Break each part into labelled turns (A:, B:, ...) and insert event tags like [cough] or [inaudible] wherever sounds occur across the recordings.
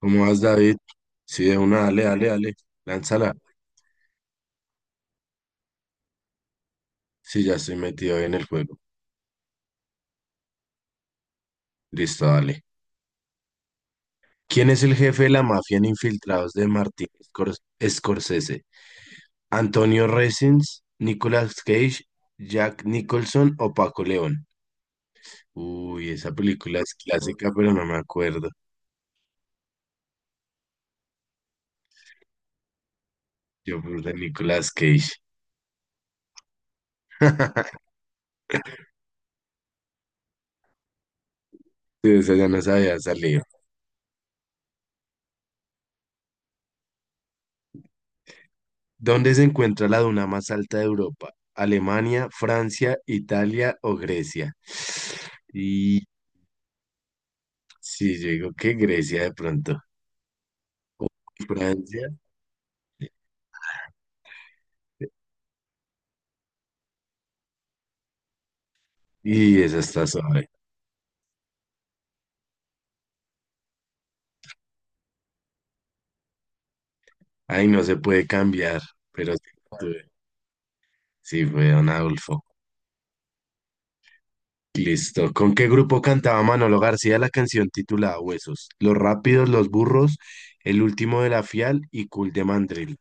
A: ¿Cómo vas, David? Sí, de una, dale, dale, dale. Lánzala. Sí, ya estoy metido en el juego. Listo, dale. ¿Quién es el jefe de la mafia en Infiltrados de Martin Scorsese? ¿Antonio Resins, Nicolas Cage, Jack Nicholson o Paco León? Uy, esa película es clásica, pero no me acuerdo. Yo puse Nicolas Cage. [laughs] Sí, esa ya no sabía salir. ¿Dónde se encuentra la duna más alta de Europa? ¿Alemania, Francia, Italia o Grecia? Y sí, yo digo que Grecia de pronto. O Francia. Y esa está suave. Ahí no se puede cambiar, pero tuve- sí fue Don Adolfo. Listo. ¿Con qué grupo cantaba Manolo García la canción titulada Huesos? Los Rápidos, Los Burros, El Último de la Fial y Cool de Mandril.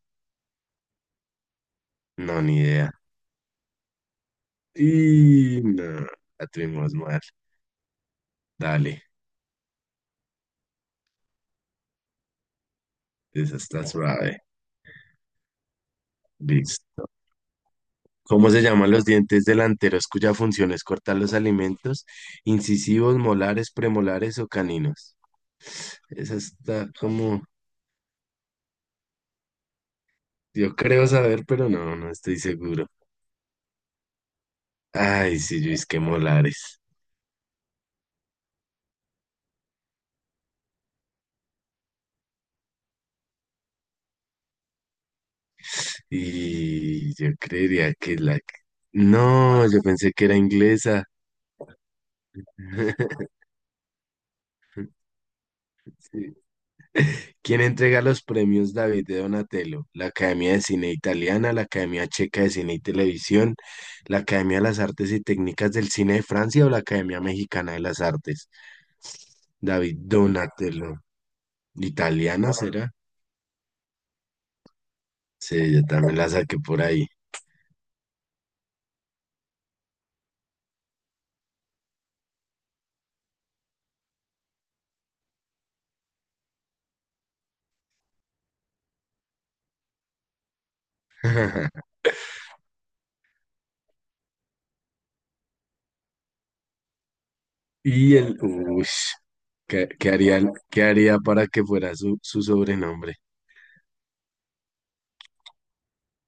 A: No, ni idea. Y no, la tuvimos mal. Dale. Esa está suave. Listo. ¿Cómo se llaman los dientes delanteros cuya función es cortar los alimentos? Incisivos, molares, premolares o caninos. Esa está como, yo creo saber, pero no, no estoy seguro. Ay, sí, Luis, que molares. Y yo creería que la. No, yo pensé que era inglesa. [laughs] ¿Quién entrega los premios David de Donatello? La Academia de Cine Italiana, la Academia Checa de Cine y Televisión, la Academia de las Artes y Técnicas del Cine de Francia o la Academia Mexicana de las Artes. David Donatello. ¿Italiana será? Sí, yo también la saqué por ahí. [laughs] Ush, ¿qué, qué haría, qué haría para que fuera su sobrenombre?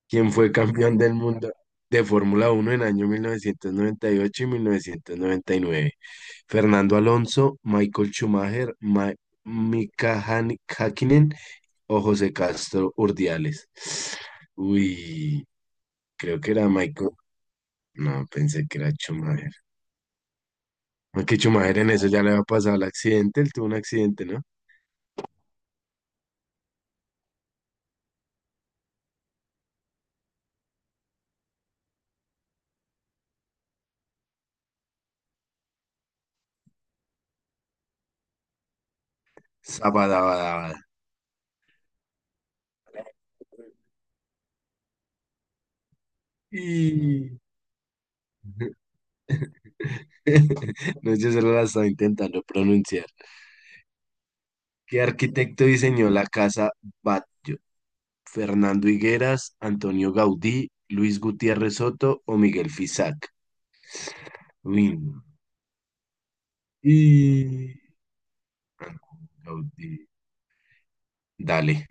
A: ¿Quien fue campeón del mundo de Fórmula 1 en año 1998 y 1999? Fernando Alonso, Michael Schumacher, Mika Häkkinen o José Castro Urdiales. Uy, creo que era Michael. No, pensé que era Schumacher. Aunque Schumacher en eso ya le había pasado el accidente, él tuvo un accidente, ¿no? Sabadabadabada. Y... [laughs] No, yo solo la estaba intentando pronunciar. ¿Qué arquitecto diseñó la casa Batlló? ¿Fernando Higueras, Antonio Gaudí, Luis Gutiérrez Soto o Miguel Fisac? Uy, y... Gaudí. Dale.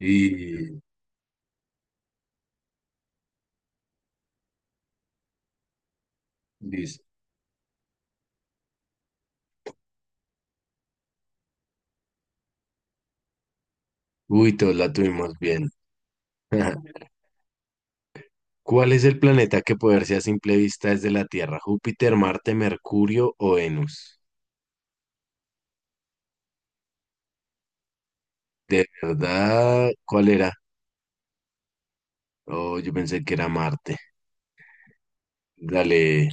A: Y dice, uy, todos la tuvimos bien. [laughs] ¿Cuál es el planeta que puede verse a simple vista desde la Tierra? ¿Júpiter, Marte, Mercurio o Venus? De verdad, ¿cuál era? Oh, yo pensé que era Marte. Dale,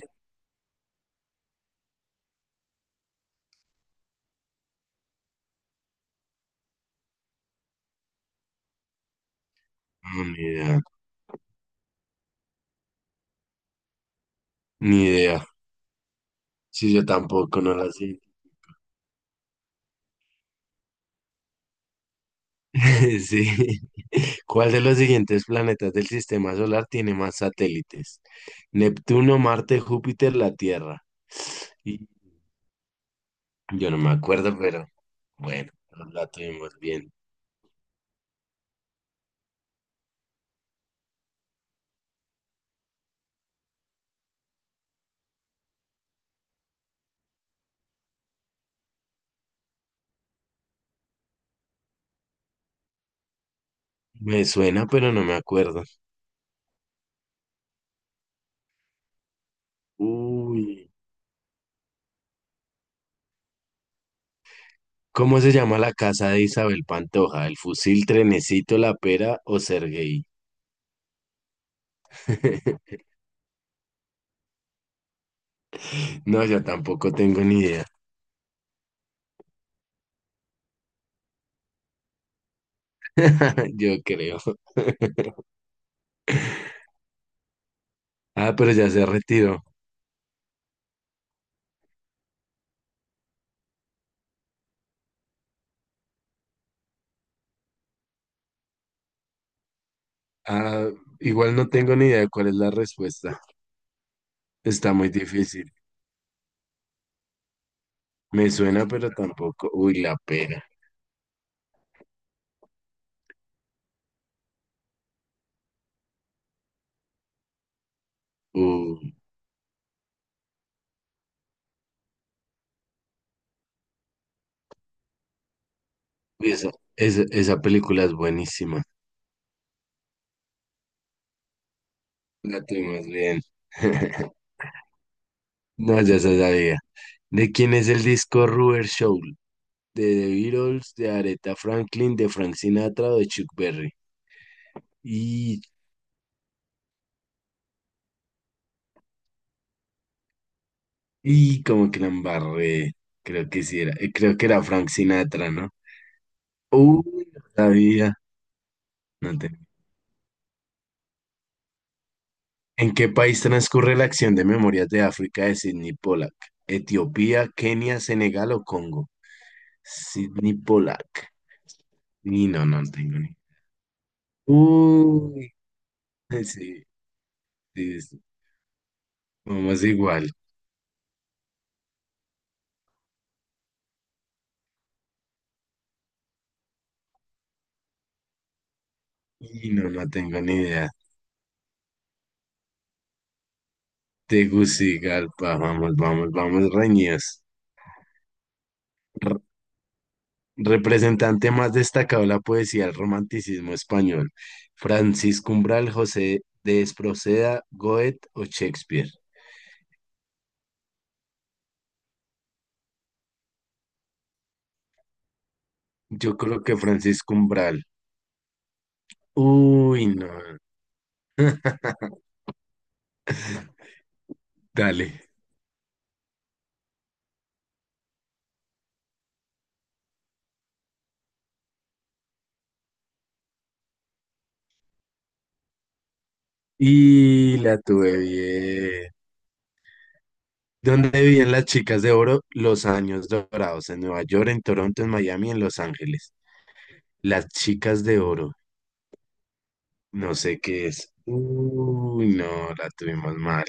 A: no, ni idea, ni idea. Sí, yo tampoco, no la sé. [laughs] Sí. ¿Cuál de los siguientes planetas del sistema solar tiene más satélites? Neptuno, Marte, Júpiter, la Tierra. Y yo no me acuerdo, pero bueno, nos la tuvimos bien. Me suena, pero no me acuerdo. Uy. ¿Cómo se llama la casa de Isabel Pantoja? ¿El fusil, Trenecito, la pera o Sergei? [laughs] No, yo tampoco tengo ni idea. [laughs] Yo creo. Ah, pero ya se retiró. Ah, igual no tengo ni idea de cuál es la respuesta. Está muy difícil. Me suena, pero tampoco. Uy, la pera. Uh, uy, esa película es buenísima. La tuvimos bien. [laughs] No, ya se sabía. ¿De quién es el disco Rubber Soul? De The Beatles, de Aretha Franklin, de Frank Sinatra o de Chuck Berry. Y, y como que la embarré. Creo que sí era. Creo que era Frank Sinatra, ¿no? Uy, no sabía. No. ¿En qué país transcurre la acción de Memorias de África de Sidney Pollack? ¿Etiopía, Kenia, Senegal o Congo? Sidney Pollack. Y no, no tengo ni. Uy, [laughs] sí, sí, sí, vamos igual. Y no, no tengo ni idea. Tegucigalpa, vamos, vamos, vamos, reñidos. R- representante más destacado de la poesía del romanticismo español? Francisco Umbral, José de Esproceda, Goethe o Shakespeare. Yo creo que Francisco Umbral. Uy, no, dale. Y la tuve bien. ¿Dónde vivían las chicas de oro? Los años dorados, en Nueva York, en Toronto, en Miami, en Los Ángeles. Las chicas de oro, no sé qué es. Uy, no, la tuvimos mal.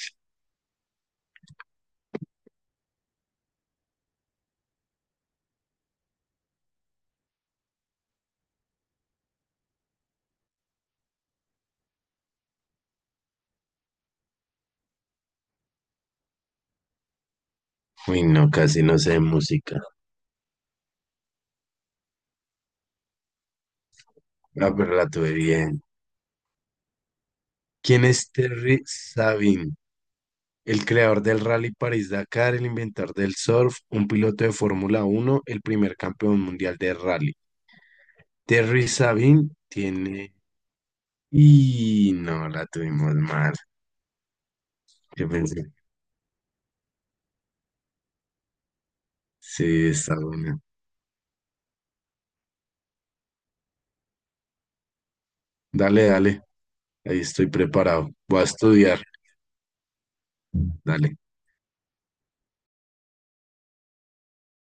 A: Uy, no, casi no sé de música. Ah, pero la tuve bien. ¿Quién es Terry Sabin? El creador del Rally París-Dakar, el inventor del surf, un piloto de Fórmula 1, el primer campeón mundial de rally. Terry Sabin tiene. Y no, la tuvimos mal. Yo pensé, sí, está buena. Dale, dale, ahí estoy preparado. Voy a estudiar. Dale.